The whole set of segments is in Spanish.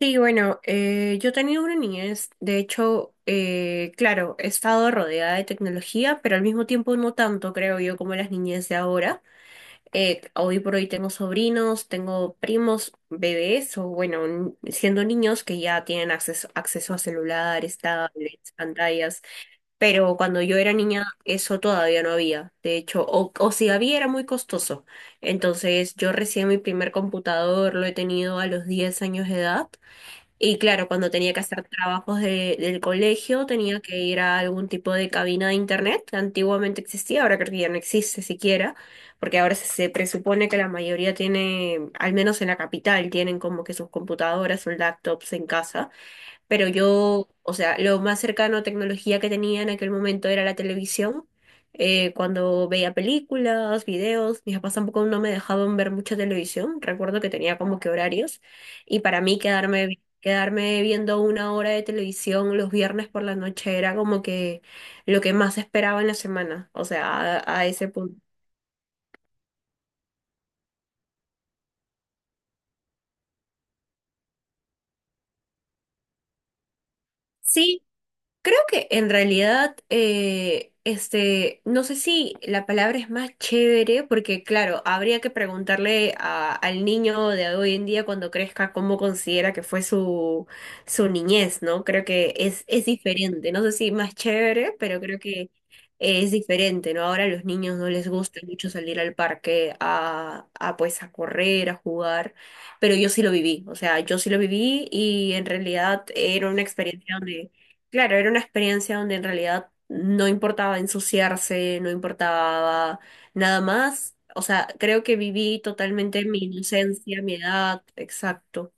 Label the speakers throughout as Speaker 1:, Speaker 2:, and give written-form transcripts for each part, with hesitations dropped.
Speaker 1: Sí, bueno, yo he tenido una niñez, de hecho, claro, he estado rodeada de tecnología, pero al mismo tiempo no tanto, creo yo, como las niñez de ahora. Hoy por hoy tengo sobrinos, tengo primos, bebés, o bueno, siendo niños que ya tienen acceso a celulares, tablets, pantallas, pero cuando yo era niña eso todavía no había, de hecho, o si había era muy costoso. Entonces yo recién mi primer computador lo he tenido a los 10 años de edad. Y claro, cuando tenía que hacer trabajos del colegio, tenía que ir a algún tipo de cabina de internet que antiguamente existía, ahora creo que ya no existe siquiera, porque ahora se presupone que la mayoría tiene, al menos en la capital, tienen como que sus computadoras o laptops en casa. Pero yo, o sea, lo más cercano a tecnología que tenía en aquel momento era la televisión. Cuando veía películas, videos, mis papás tampoco no me dejaban ver mucha televisión. Recuerdo que tenía como que horarios. Y para mí quedarme viendo una hora de televisión los viernes por la noche era como que lo que más esperaba en la semana. O sea, a ese punto. Sí, creo que en realidad, este, no sé si la palabra es más chévere, porque claro, habría que preguntarle al niño de hoy en día cuando crezca cómo considera que fue su, su niñez, ¿no? Creo que es diferente, no sé si más chévere, pero creo que es diferente, ¿no? Ahora a los niños no les gusta mucho salir al parque a pues a correr, a jugar, pero yo sí lo viví, o sea, yo sí lo viví y en realidad era una experiencia donde... Claro, era una experiencia donde en realidad no importaba ensuciarse, no importaba nada más. O sea, creo que viví totalmente mi inocencia, mi edad, exacto,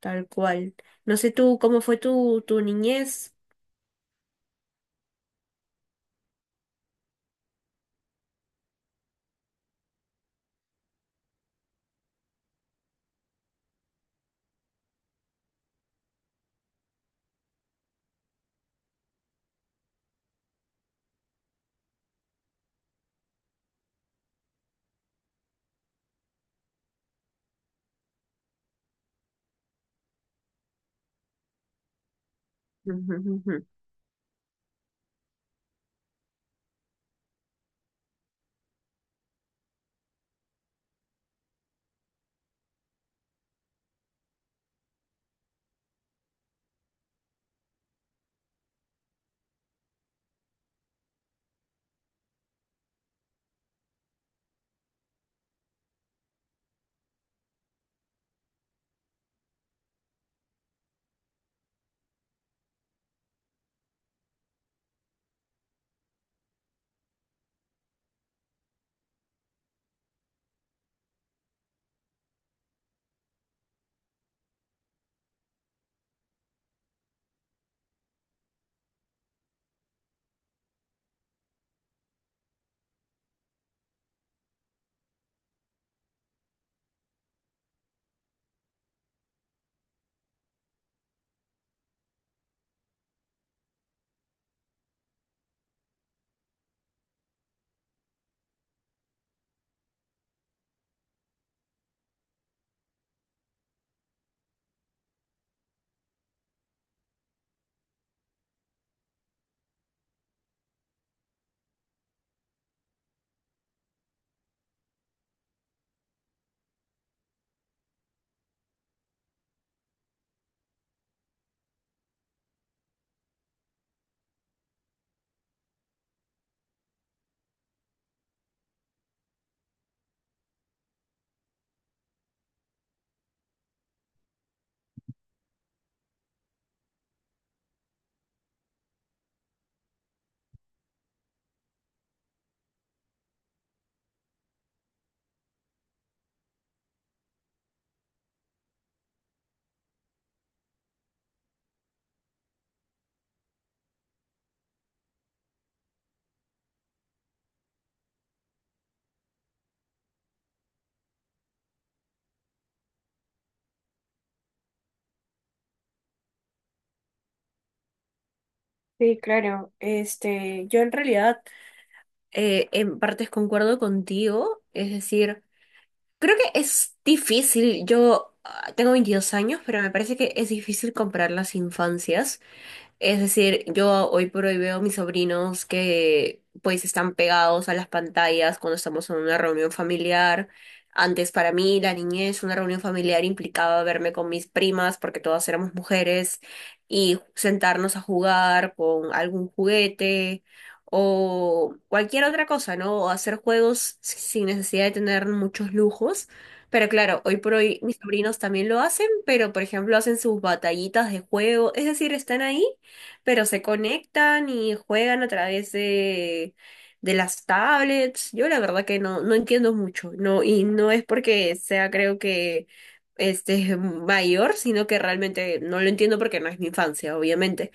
Speaker 1: tal cual. No sé tú, ¿cómo fue tu, tu niñez? Ujú, ujú. Sí, claro. Este, yo en realidad en partes concuerdo contigo, es decir, creo que es difícil. Yo tengo 22 años, pero me parece que es difícil comparar las infancias. Es decir, yo hoy por hoy veo a mis sobrinos que pues están pegados a las pantallas cuando estamos en una reunión familiar. Antes para mí, la niñez, una reunión familiar implicaba verme con mis primas porque todas éramos mujeres y sentarnos a jugar con algún juguete o cualquier otra cosa, ¿no? O hacer juegos sin necesidad de tener muchos lujos. Pero claro, hoy por hoy mis sobrinos también lo hacen, pero por ejemplo hacen sus batallitas de juego, es decir, están ahí pero se conectan y juegan a través de las tablets. Yo la verdad que no entiendo mucho, no, y no es porque sea, creo que este mayor, sino que realmente no lo entiendo porque no es mi infancia, obviamente.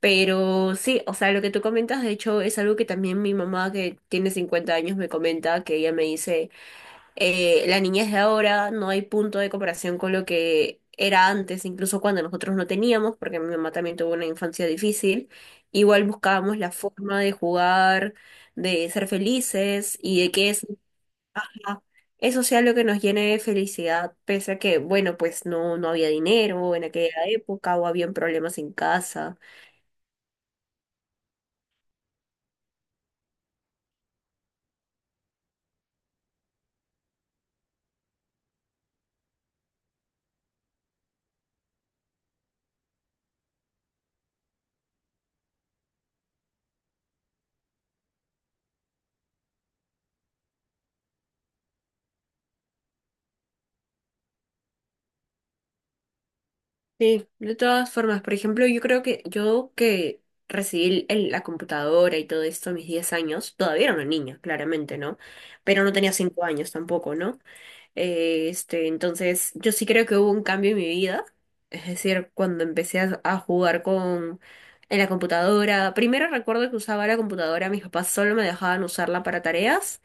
Speaker 1: Pero sí, o sea, lo que tú comentas, de hecho, es algo que también mi mamá, que tiene 50 años, me comenta, que ella me dice la niñez de ahora no hay punto de comparación con lo que era antes, incluso cuando nosotros no teníamos, porque mi mamá también tuvo una infancia difícil. Igual buscábamos la forma de jugar, de ser felices y de que sea eso sea lo que nos llene de felicidad, pese a que, bueno, pues no había dinero en aquella época o habían problemas en casa. Sí, de todas formas, por ejemplo, yo creo que yo que recibí la computadora y todo esto a mis 10 años, todavía era una niña, claramente, ¿no? Pero no tenía 5 años tampoco, ¿no? Este, entonces, yo sí creo que hubo un cambio en mi vida, es decir, cuando empecé a jugar con en la computadora, primero recuerdo que usaba la computadora, mis papás solo me dejaban usarla para tareas.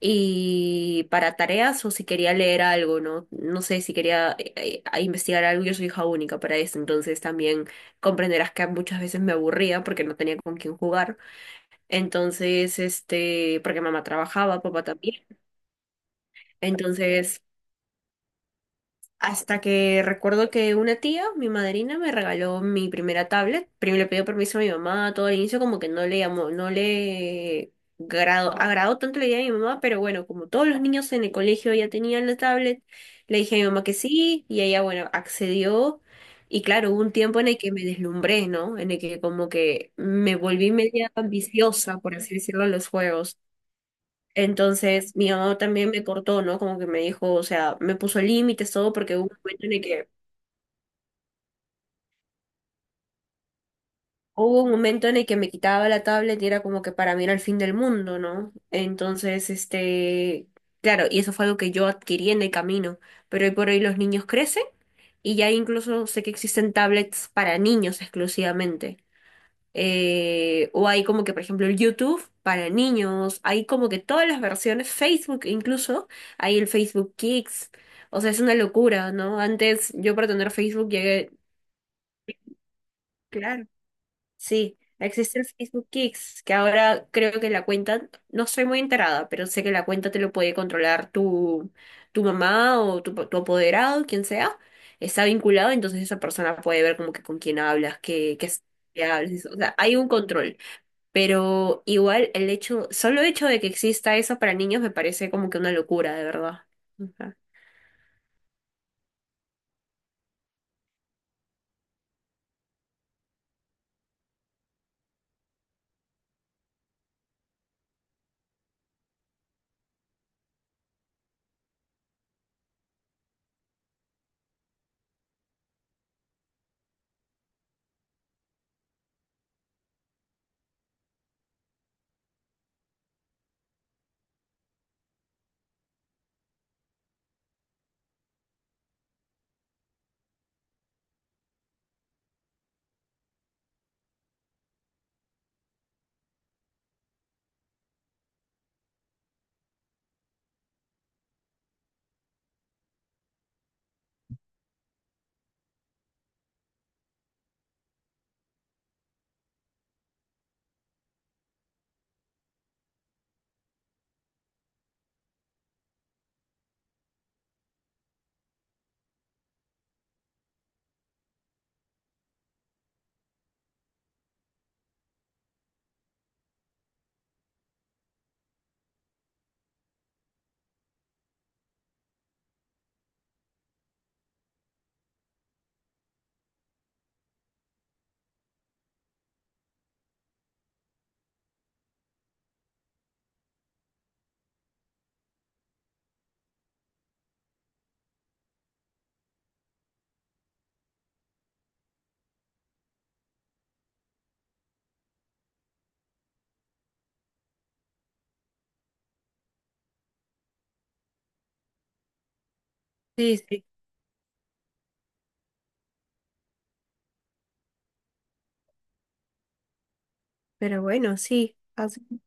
Speaker 1: Y para tareas o si quería leer algo, ¿no? No sé si quería investigar algo, yo soy hija única para eso, entonces también comprenderás que muchas veces me aburría porque no tenía con quién jugar. Entonces, este, porque mamá trabajaba, papá también. Entonces, hasta que recuerdo que una tía, mi madrina, me regaló mi primera tablet. Primero le pidió permiso a mi mamá, todo al inicio como que no le llamó, no le grado, agradó tanto la idea de mi mamá, pero bueno, como todos los niños en el colegio ya tenían la tablet, le dije a mi mamá que sí, y ella, bueno, accedió. Y claro, hubo un tiempo en el que me deslumbré, ¿no? En el que como que me volví media ambiciosa, por así decirlo, en los juegos. Entonces, mi mamá también me cortó, ¿no? Como que me dijo, o sea, me puso límites, todo, porque hubo un momento en el que, hubo un momento en el que me quitaba la tablet y era como que para mí era el fin del mundo, ¿no? Entonces, este, claro, y eso fue algo que yo adquirí en el camino, pero hoy por hoy los niños crecen y ya incluso sé que existen tablets para niños exclusivamente. O hay como que, por ejemplo, el YouTube para niños, hay como que todas las versiones, Facebook incluso, hay el Facebook Kids. O sea, es una locura, ¿no? Antes yo para tener Facebook llegué, claro, sí, existe el Facebook Kids, que ahora creo que la cuenta, no estoy muy enterada, pero sé que la cuenta te lo puede controlar tu mamá o tu apoderado, quien sea, está vinculado, entonces esa persona puede ver como que con quién hablas, qué hablas, o sea, hay un control. Pero igual el hecho, solo hecho de que exista eso para niños me parece como que una locura, de verdad. Ajá. Sí, sí. Pero bueno, sí. Así.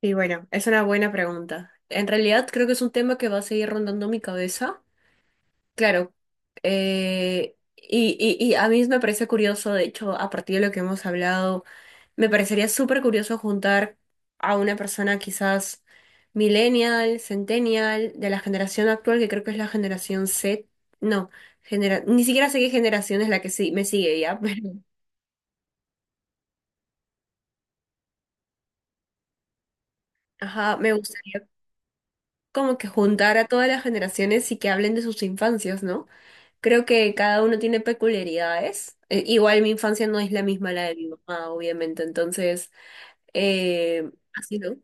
Speaker 1: Y bueno, es una buena pregunta. En realidad creo que es un tema que va a seguir rondando mi cabeza. Claro. Y a mí me parece curioso, de hecho, a partir de lo que hemos hablado. Me parecería súper curioso juntar a una persona quizás millennial, centennial, de la generación actual, que creo que es la generación Z. No, ni siquiera sé qué generación es la que sí me sigue ya, pero ajá, me gustaría como que juntar a todas las generaciones y que hablen de sus infancias, ¿no? Creo que cada uno tiene peculiaridades. Igual mi infancia no es la misma a la de mi mamá, obviamente, entonces, así, ¿no?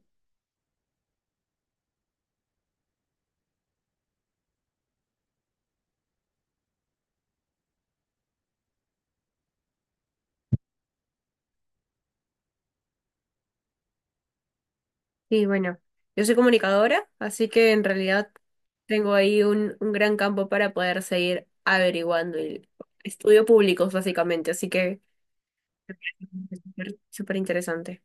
Speaker 1: Y bueno, yo soy comunicadora, así que en realidad tengo ahí un gran campo para poder seguir averiguando y estudio públicos básicamente, así que me parece súper interesante.